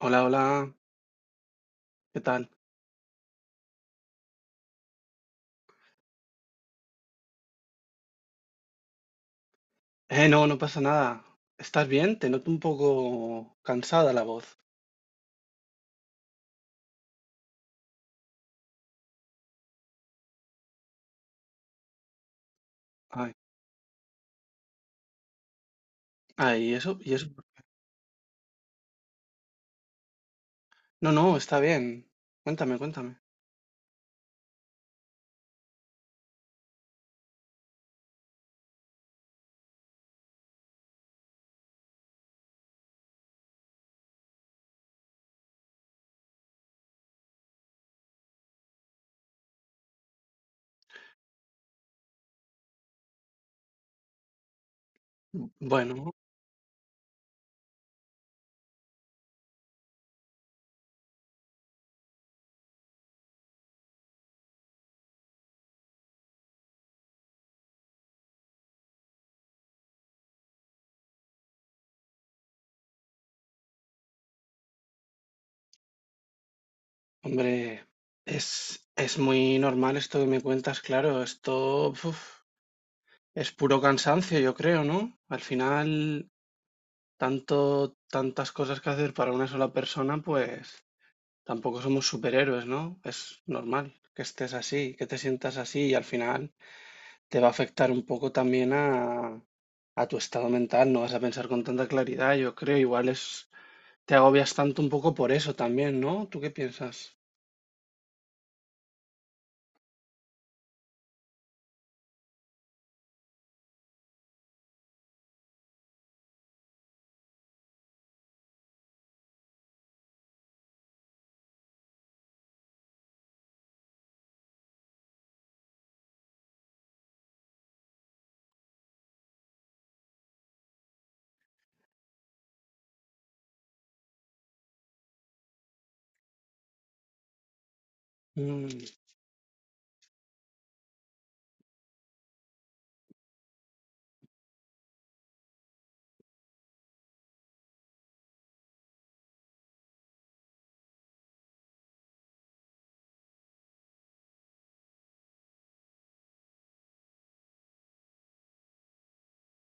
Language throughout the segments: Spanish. Hola, hola, ¿qué tal? No, pasa nada. ¿Estás bien? Te noto un poco cansada la voz. Ay, ay, ¿y eso? ¿Y eso? No, no, está bien. Cuéntame, cuéntame. Bueno, hombre, es muy normal esto que me cuentas, claro. Esto uf, es puro cansancio, yo creo, ¿no? Al final, tantas cosas que hacer para una sola persona, pues tampoco somos superhéroes, ¿no? Es normal que estés así, que te sientas así y al final te va a afectar un poco también a tu estado mental, no vas a pensar con tanta claridad, yo creo, igual es, te agobias tanto un poco por eso también, ¿no? ¿Tú qué piensas? Mm,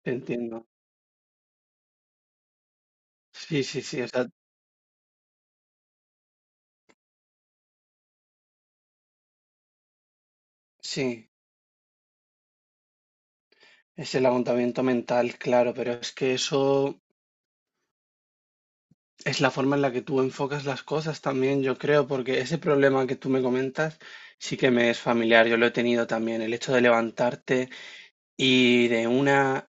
te entiendo. Sí, sí, sí, o sea, sí, es el agotamiento mental, claro, pero es que eso es la forma en la que tú enfocas las cosas también, yo creo, porque ese problema que tú me comentas sí que me es familiar, yo lo he tenido también, el hecho de levantarte y de una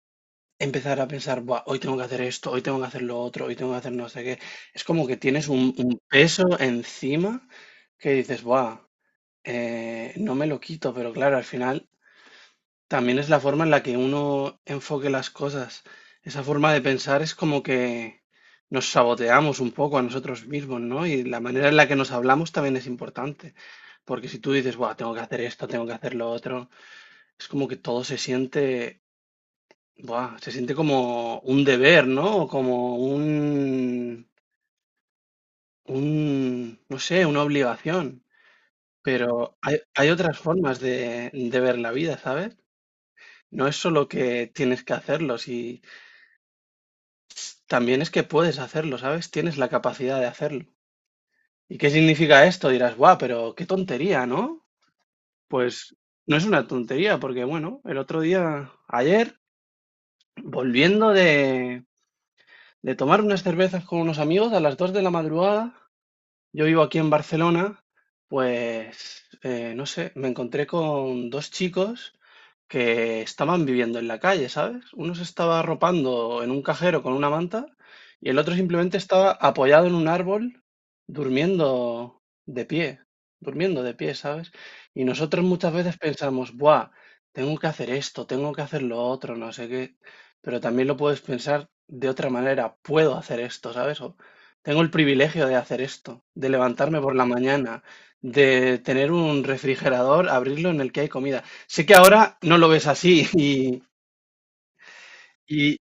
empezar a pensar: "Buah, hoy tengo que hacer esto, hoy tengo que hacer lo otro, hoy tengo que hacer no sé qué". Es como que tienes un peso encima que dices: "Buah, no me lo quito". Pero claro, al final también es la forma en la que uno enfoque las cosas. Esa forma de pensar es como que nos saboteamos un poco a nosotros mismos, ¿no? Y la manera en la que nos hablamos también es importante, porque si tú dices: "Buah, tengo que hacer esto, tengo que hacer lo otro", es como que todo se siente buah, se siente como un deber, ¿no? Como un, no sé, una obligación. Pero hay otras formas de ver la vida, ¿sabes? No es solo que tienes que hacerlo, si también es que puedes hacerlo, ¿sabes? Tienes la capacidad de hacerlo. ¿Y qué significa esto? Dirás, guau, pero qué tontería, ¿no? Pues no es una tontería, porque bueno, el otro día, ayer, volviendo de, de tomar unas cervezas con unos amigos a las 2 de la madrugada, yo vivo aquí en Barcelona, pues no sé, me encontré con dos chicos que estaban viviendo en la calle, ¿sabes? Uno se estaba arropando en un cajero con una manta y el otro simplemente estaba apoyado en un árbol durmiendo de pie, durmiendo de pie, ¿sabes? Y nosotros muchas veces pensamos, buah, tengo que hacer esto, tengo que hacer lo otro, no sé qué, pero también lo puedes pensar de otra manera, puedo hacer esto, ¿sabes? Tengo el privilegio de hacer esto, de levantarme por la mañana, de tener un refrigerador, abrirlo en el que hay comida. Sé que ahora no lo ves así y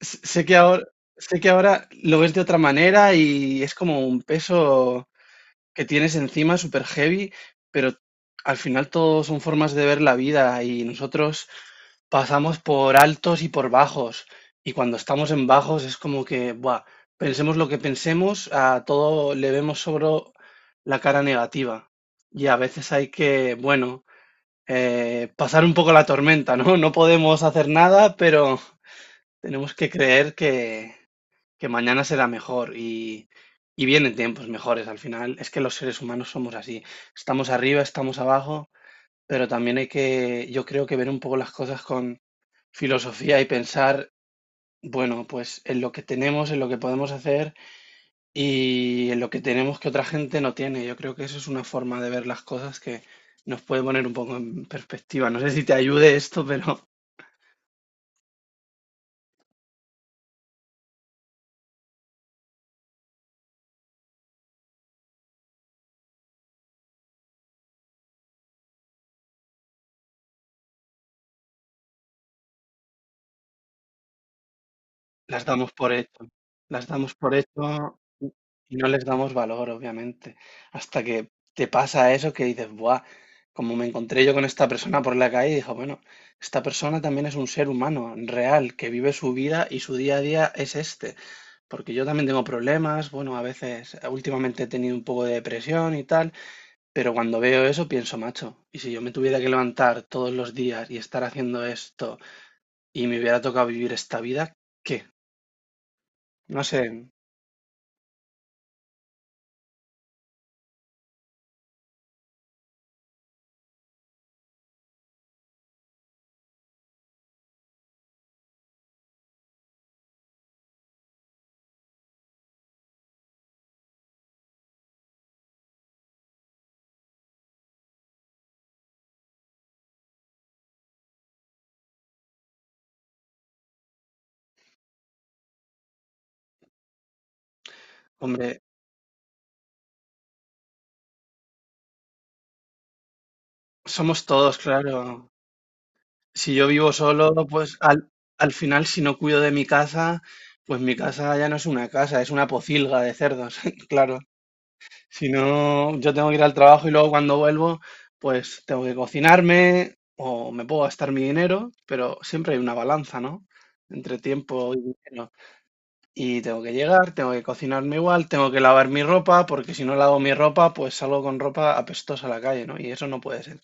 sé que ahora, sé que ahora lo ves de otra manera y es como un peso que tienes encima super heavy, pero al final todo son formas de ver la vida y nosotros pasamos por altos y por bajos. Y cuando estamos en bajos es como que, buah, pensemos lo que pensemos, a todo le vemos sobre la cara negativa. Y a veces hay que, bueno, pasar un poco la tormenta, ¿no? No podemos hacer nada, pero tenemos que creer que mañana será mejor y vienen tiempos mejores al final. Es que los seres humanos somos así. Estamos arriba, estamos abajo, pero también hay que, yo creo que ver un poco las cosas con filosofía y pensar, bueno, pues en lo que tenemos, en lo que podemos hacer y en lo que tenemos que otra gente no tiene. Yo creo que eso es una forma de ver las cosas que nos puede poner un poco en perspectiva. No sé si te ayude esto, pero las damos por hecho, las damos por hecho y y no les damos valor, obviamente, hasta que te pasa eso que dices, ¡buah! Como me encontré yo con esta persona por la calle, dijo, bueno, esta persona también es un ser humano real, que vive su vida y su día a día es este. Porque yo también tengo problemas, bueno, a veces, últimamente he tenido un poco de depresión y tal, pero cuando veo eso pienso, macho, y si yo me tuviera que levantar todos los días y estar haciendo esto y me hubiera tocado vivir esta vida, ¿qué? No sé. Hombre, somos todos, claro. Si yo vivo solo, pues al final si no cuido de mi casa, pues mi casa ya no es una casa, es una pocilga de cerdos, claro. Si no, yo tengo que ir al trabajo y luego cuando vuelvo, pues tengo que cocinarme o me puedo gastar mi dinero, pero siempre hay una balanza, ¿no? Entre tiempo y dinero. Y tengo que llegar, tengo que cocinarme igual, tengo que lavar mi ropa, porque si no lavo mi ropa, pues salgo con ropa apestosa a la calle, ¿no? Y eso no puede ser.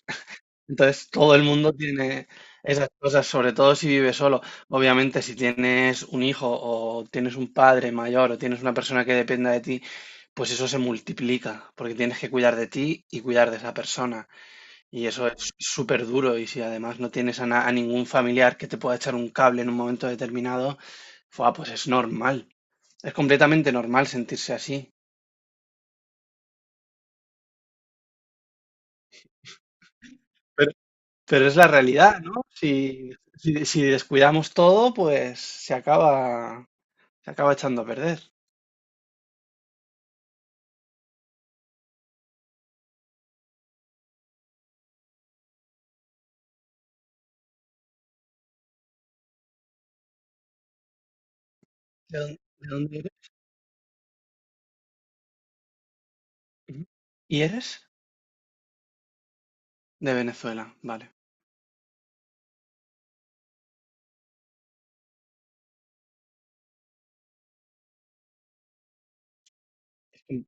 Entonces, todo el mundo tiene esas cosas, sobre todo si vive solo. Obviamente, si tienes un hijo o tienes un padre mayor o tienes una persona que dependa de ti, pues eso se multiplica, porque tienes que cuidar de ti y cuidar de esa persona. Y eso es súper duro. Y si además no tienes a ningún familiar que te pueda echar un cable en un momento determinado, fua, pues es normal. Es completamente normal sentirse así. Pero, pero es la realidad, ¿no? Si descuidamos todo, pues se acaba. Se acaba echando a perder. De dónde eres? Ujú. ¿Y eres? De Venezuela, vale. Es, com-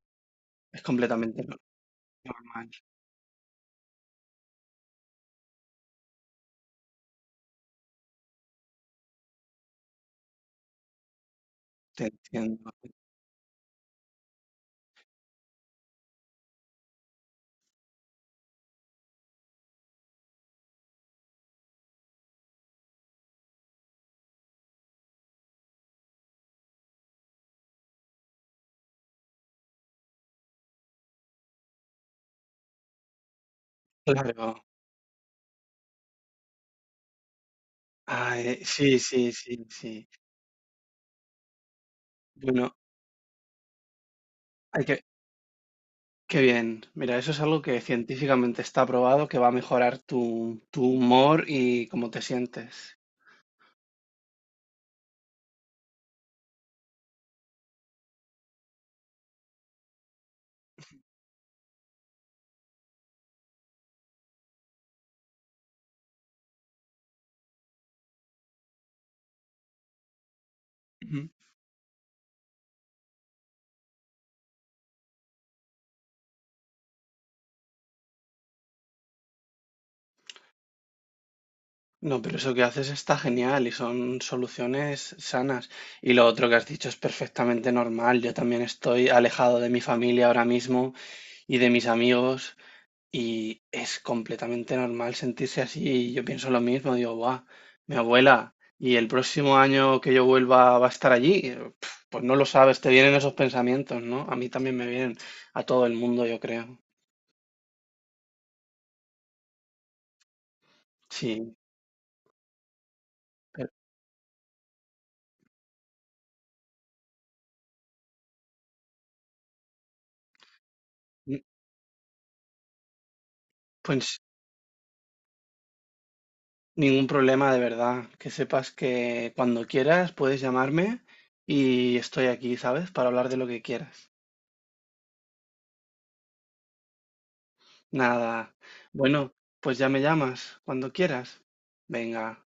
es completamente normal, te entiendo. Claro. Ay, sí, sí, sí, sí. Bueno, hay que, qué bien. Mira, eso es algo que científicamente está probado que va a mejorar tu humor y cómo te sientes. Ujú. No, pero eso que haces está genial y son soluciones sanas. Y lo otro que has dicho es perfectamente normal. Yo también estoy alejado de mi familia ahora mismo y de mis amigos y es completamente normal sentirse así. Y yo pienso lo mismo, digo, guau, mi abuela, y el próximo año que yo vuelva va a estar allí. Pues no lo sabes, te vienen esos pensamientos, ¿no? A mí también me vienen, a todo el mundo, yo creo. Sí, pero, mm, pues ningún problema de verdad. Que sepas que cuando quieras puedes llamarme y estoy aquí, ¿sabes? Para hablar de lo que quieras. Nada. Bueno, pues ya me llamas cuando quieras. Venga.